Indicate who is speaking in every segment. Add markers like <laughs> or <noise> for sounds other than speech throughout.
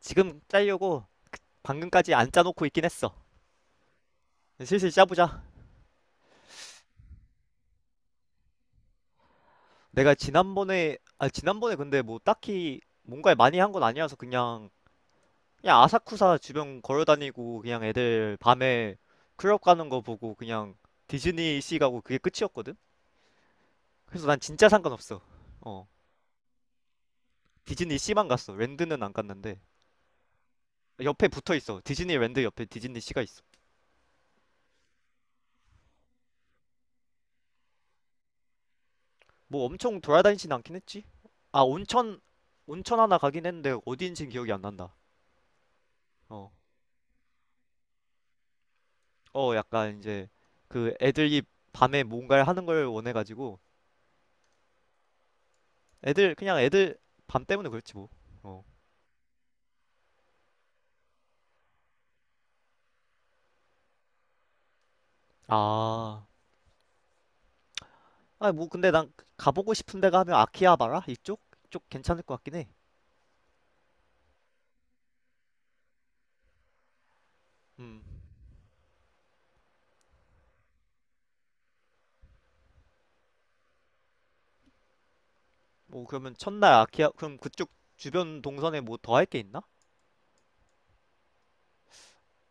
Speaker 1: 지금 짜려고. 방금까지 안 짜놓고 있긴 했어. 슬슬 짜보자. 내가 지난번에 근데 뭐 딱히 뭔가를 많이 한 건 아니어서 그냥 아사쿠사 주변 걸어다니고 그냥 애들 밤에 클럽 가는 거 보고 그냥 디즈니 씨 가고 그게 끝이었거든? 그래서 난 진짜 상관없어. 어. 디즈니 씨만 갔어. 랜드는 안 갔는데. 옆에 붙어 있어. 디즈니 랜드 옆에 디즈니 씨가 있어. 뭐 엄청 돌아다니진 않긴 했지. 아, 온천 하나 가긴 했는데 어디인는 기억이 안 난다. 어. 어, 약간 이제 그 애들이 밤에 뭔가를 하는 걸 원해가지고 애들 밤 때문에 그렇지 뭐. 어. 아, 아, 뭐 근데 난 가보고 싶은 데가 하면 아키하바라 이쪽 괜찮을 것 같긴 해. 음, 뭐 그러면 첫날 아키하 그럼 그쪽 주변 동선에 뭐 더 할 게 있나?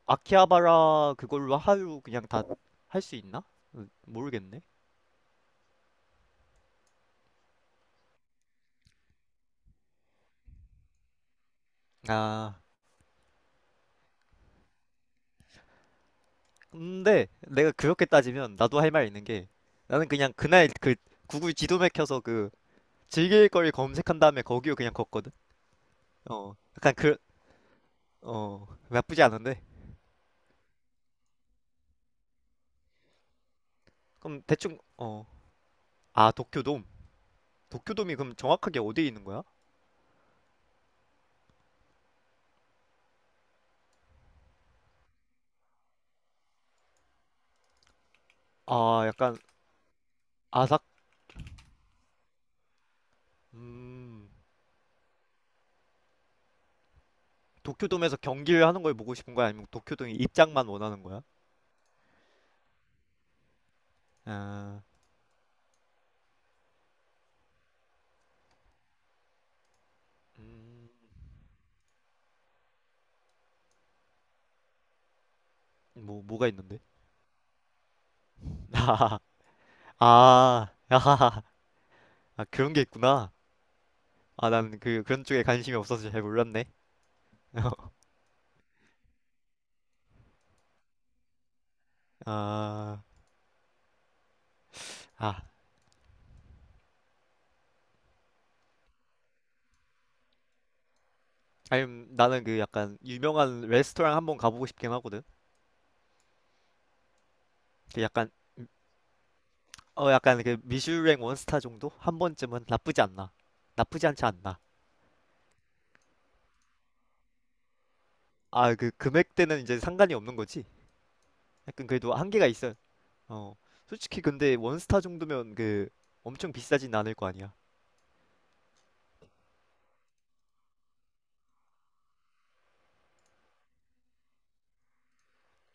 Speaker 1: 아키하바라 그걸로 하루 그냥 다 할 수 있나? 어, 모르겠네. 아, 근데 내가 그렇게 따지면 나도 할 말 있는 게 나는 그냥 그날 그 구글 지도 맥혀서 그 즐길 걸 검색한 다음에 거기로 그냥 걷거든. 어, 약간 그, 어, 나쁘지 않은데. 그럼 대충, 어, 아, 도쿄돔. 도쿄돔이 그럼 정확하게 어디에 있는 거야? 아, 약간 아삭, 음, 도쿄돔에서 경기를 하는 걸 보고 싶은 거야? 아니면 도쿄돔이 입장만 원하는 거야? 아, 뭐가 있는데? <laughs> 아, 아, 아, 그런 게 있구나. 아, 나는 그런 쪽에 관심이 없어서 잘 몰랐네. <laughs> 아, 아, 아니, 나는 그 약간 유명한 레스토랑 한번 가보고 싶긴 하거든. 그 약간 어 약간 그 미슐랭 원스타 정도 한 번쯤은 나쁘지 않나. 나쁘지 않지 않나. 아, 그 금액대는 이제 상관이 없는 거지. 약간 그래도 한계가 있어. 어, 솔직히 근데 원스타 정도면 그 엄청 비싸진 않을 거 아니야.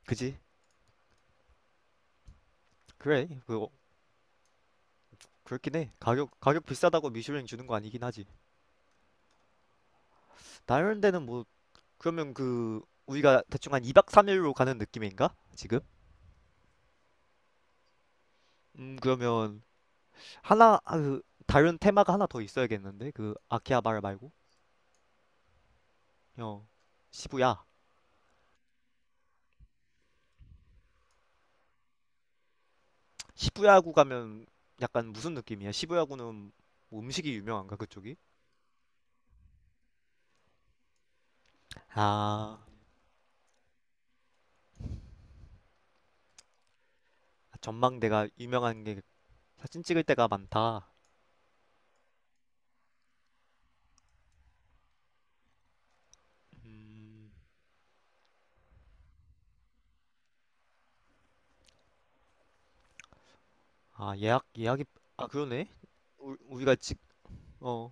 Speaker 1: 그지? 그래, 그 어, 그렇긴 해. 가격 비싸다고 미슐랭 주는 거 아니긴 하지. 다른 데는 뭐 그러면 그 우리가 대충 한 2박 3일로 가는 느낌인가? 지금? 그러면 그 다른 테마가 하나 더 있어야겠는데 그 아키하바라 말고 어, 시부야 시부야구 가면 약간 무슨 느낌이야? 시부야구는 뭐 음식이 유명한가 그쪽이? 아, 전망대가 유명한 게 사진 찍을 때가 많다. 음, 아, 예약이 아, 그러네. 우리가 찍어 아.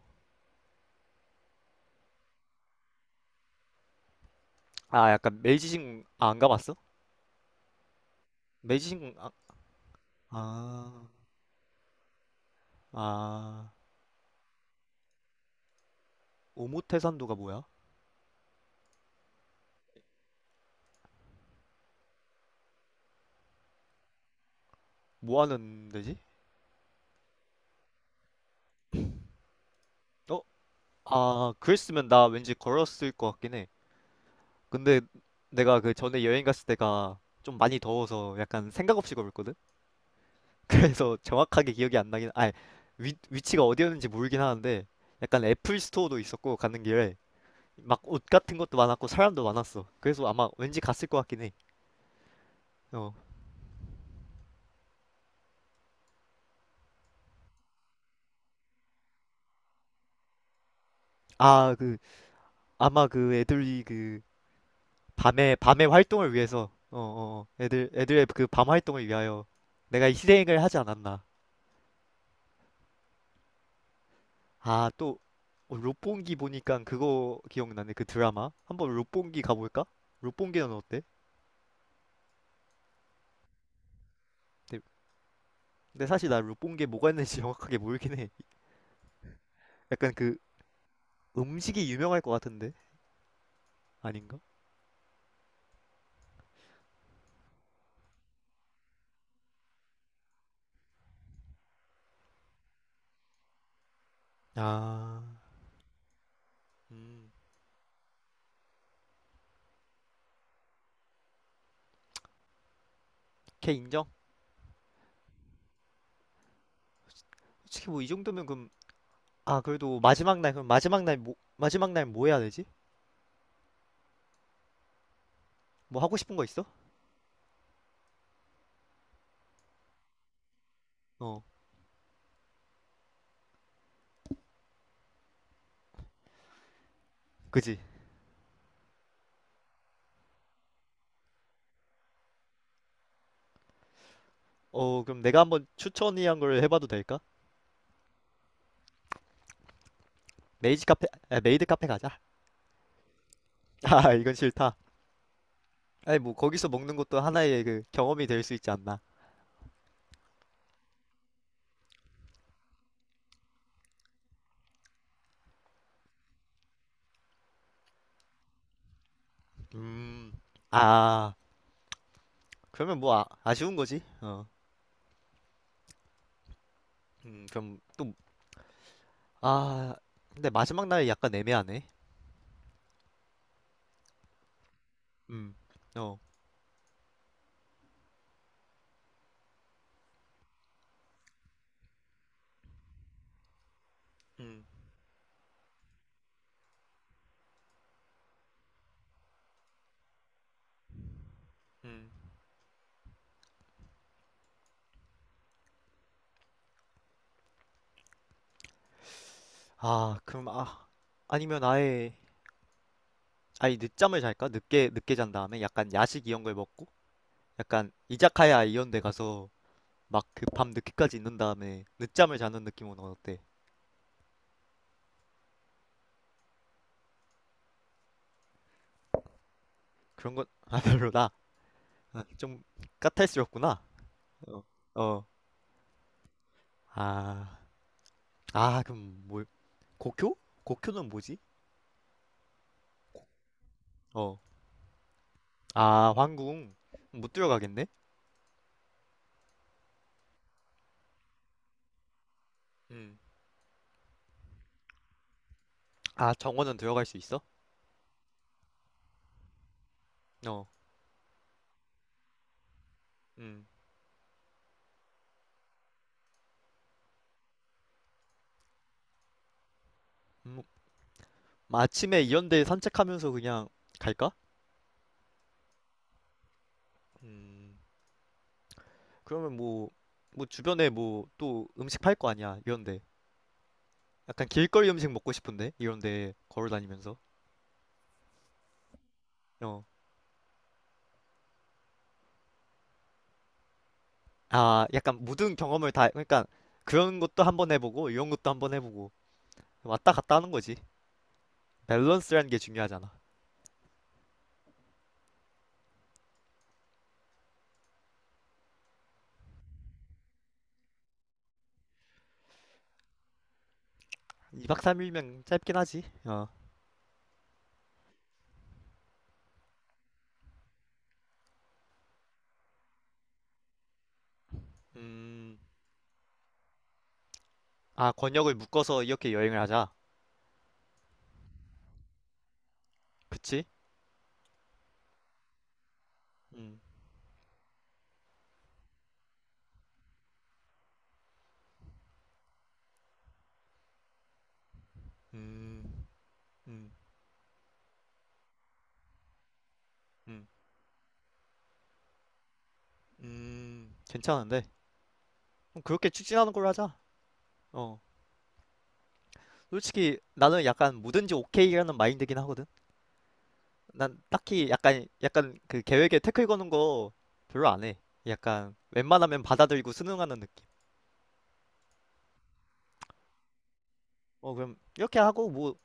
Speaker 1: 약간 메이지 신궁 아, 안 가봤어? 메이지 신궁 아, 아. 오모테산도가 뭐야? 뭐 하는 데지? 어? 아, 그랬으면 나 왠지 걸었을 것 같긴 해. 근데 내가 그 전에 여행 갔을 때가 좀 많이 더워서 약간 생각 없이 걸었거든? <laughs> 그래서 정확하게 기억이 안 나긴, 아니, 위치가 어디였는지 모르긴 하는데 약간 애플 스토어도 있었고 가는 길에 막 옷 같은 것도 많았고 사람도 많았어. 그래서 아마 왠지 갔을 것 같긴 해. 어. 아, 그, 아마 그 애들이 그 밤에 활동을 위해서, 어, 어, 어. 애들의 그 밤 활동을 위하여 내가 이 희생을 하지 않았나. 아, 또 어, 롯본기 보니까 그거 기억나네. 그 드라마. 한번 롯본기 가볼까? 롯본기는 어때? 근데, 근데 사실 나 롯본기에 뭐가 있는지 <laughs> 정확하게 모르긴 해. 약간 그 음식이 유명할 것 같은데 아닌가? 아, 음, 걔 인정? 솔직히 뭐 이 정도면 그럼 아, 그래도 마지막 날 마지막 날 뭐 해야 되지? 뭐 하고 싶은 거 있어? 어, 그지? 어, 그럼 내가 한번 추천이한 걸 해봐도 될까? 메이드 카페 가자. <laughs> 아, 이건 싫다. 아니 뭐 거기서 먹는 것도 하나의 그 경험이 될 수 있지 않나. 음, 아, 그러면 뭐 아, 아쉬운 거지. 어. 그럼 또 아, 근데 마지막 날이 약간 애매하네. 음, 어. 음, 음. 아, 그럼 아, 아니면 아예 아니, 늦잠을 잘까? 늦게 늦게 잔 다음에 약간 야식 이런 걸 먹고 약간 이자카야 이런 데 가서 막 그 밤 늦게까지 있는 다음에 늦잠을 자는 느낌은 어때? 그런 건 아, 별로다. 아, 좀 까탈스럽구나. 어. 어. 아, 아, 그럼 뭐, 고쿄? 고쿄는 뭐지? 어, 아, 황궁 못 들어가겠네? 음, 아, 정원은 들어갈 수 있어? 어, 음, 뭐 아침에 이런데 산책하면서 그냥 갈까? 음. 그러면 뭐 주변에 뭐 또 음식 팔 거 아니야, 이런데. 약간 길거리 음식 먹고 싶은데, 이런데 걸어 다니면서. 어, 아, 약간 모든 경험을 다, 그러니까 그런 것도 한번 해보고, 이런 것도 한번 해보고, 왔다 갔다 하는 거지. 밸런스라는 게 중요하잖아. 2박 3일면 짧긴 하지. 어. 음, 아, 권역을 묶어서 이렇게 여행을 하자. 그치? 음, 음, 음, 음, 괜찮은데. 그럼 그렇게 추진하는 걸로 하자. 어. 솔직히 나는 약간 뭐든지 오케이라는 마인드긴 하거든. 난 딱히 약간 그 계획에 태클 거는 거 별로 안 해. 약간 웬만하면 받아들이고 순응하는 느낌. 어, 그럼 이렇게 하고 뭐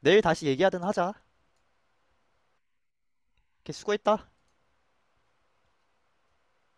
Speaker 1: 내일 다시 얘기하든 하자. 이렇게 수고했다.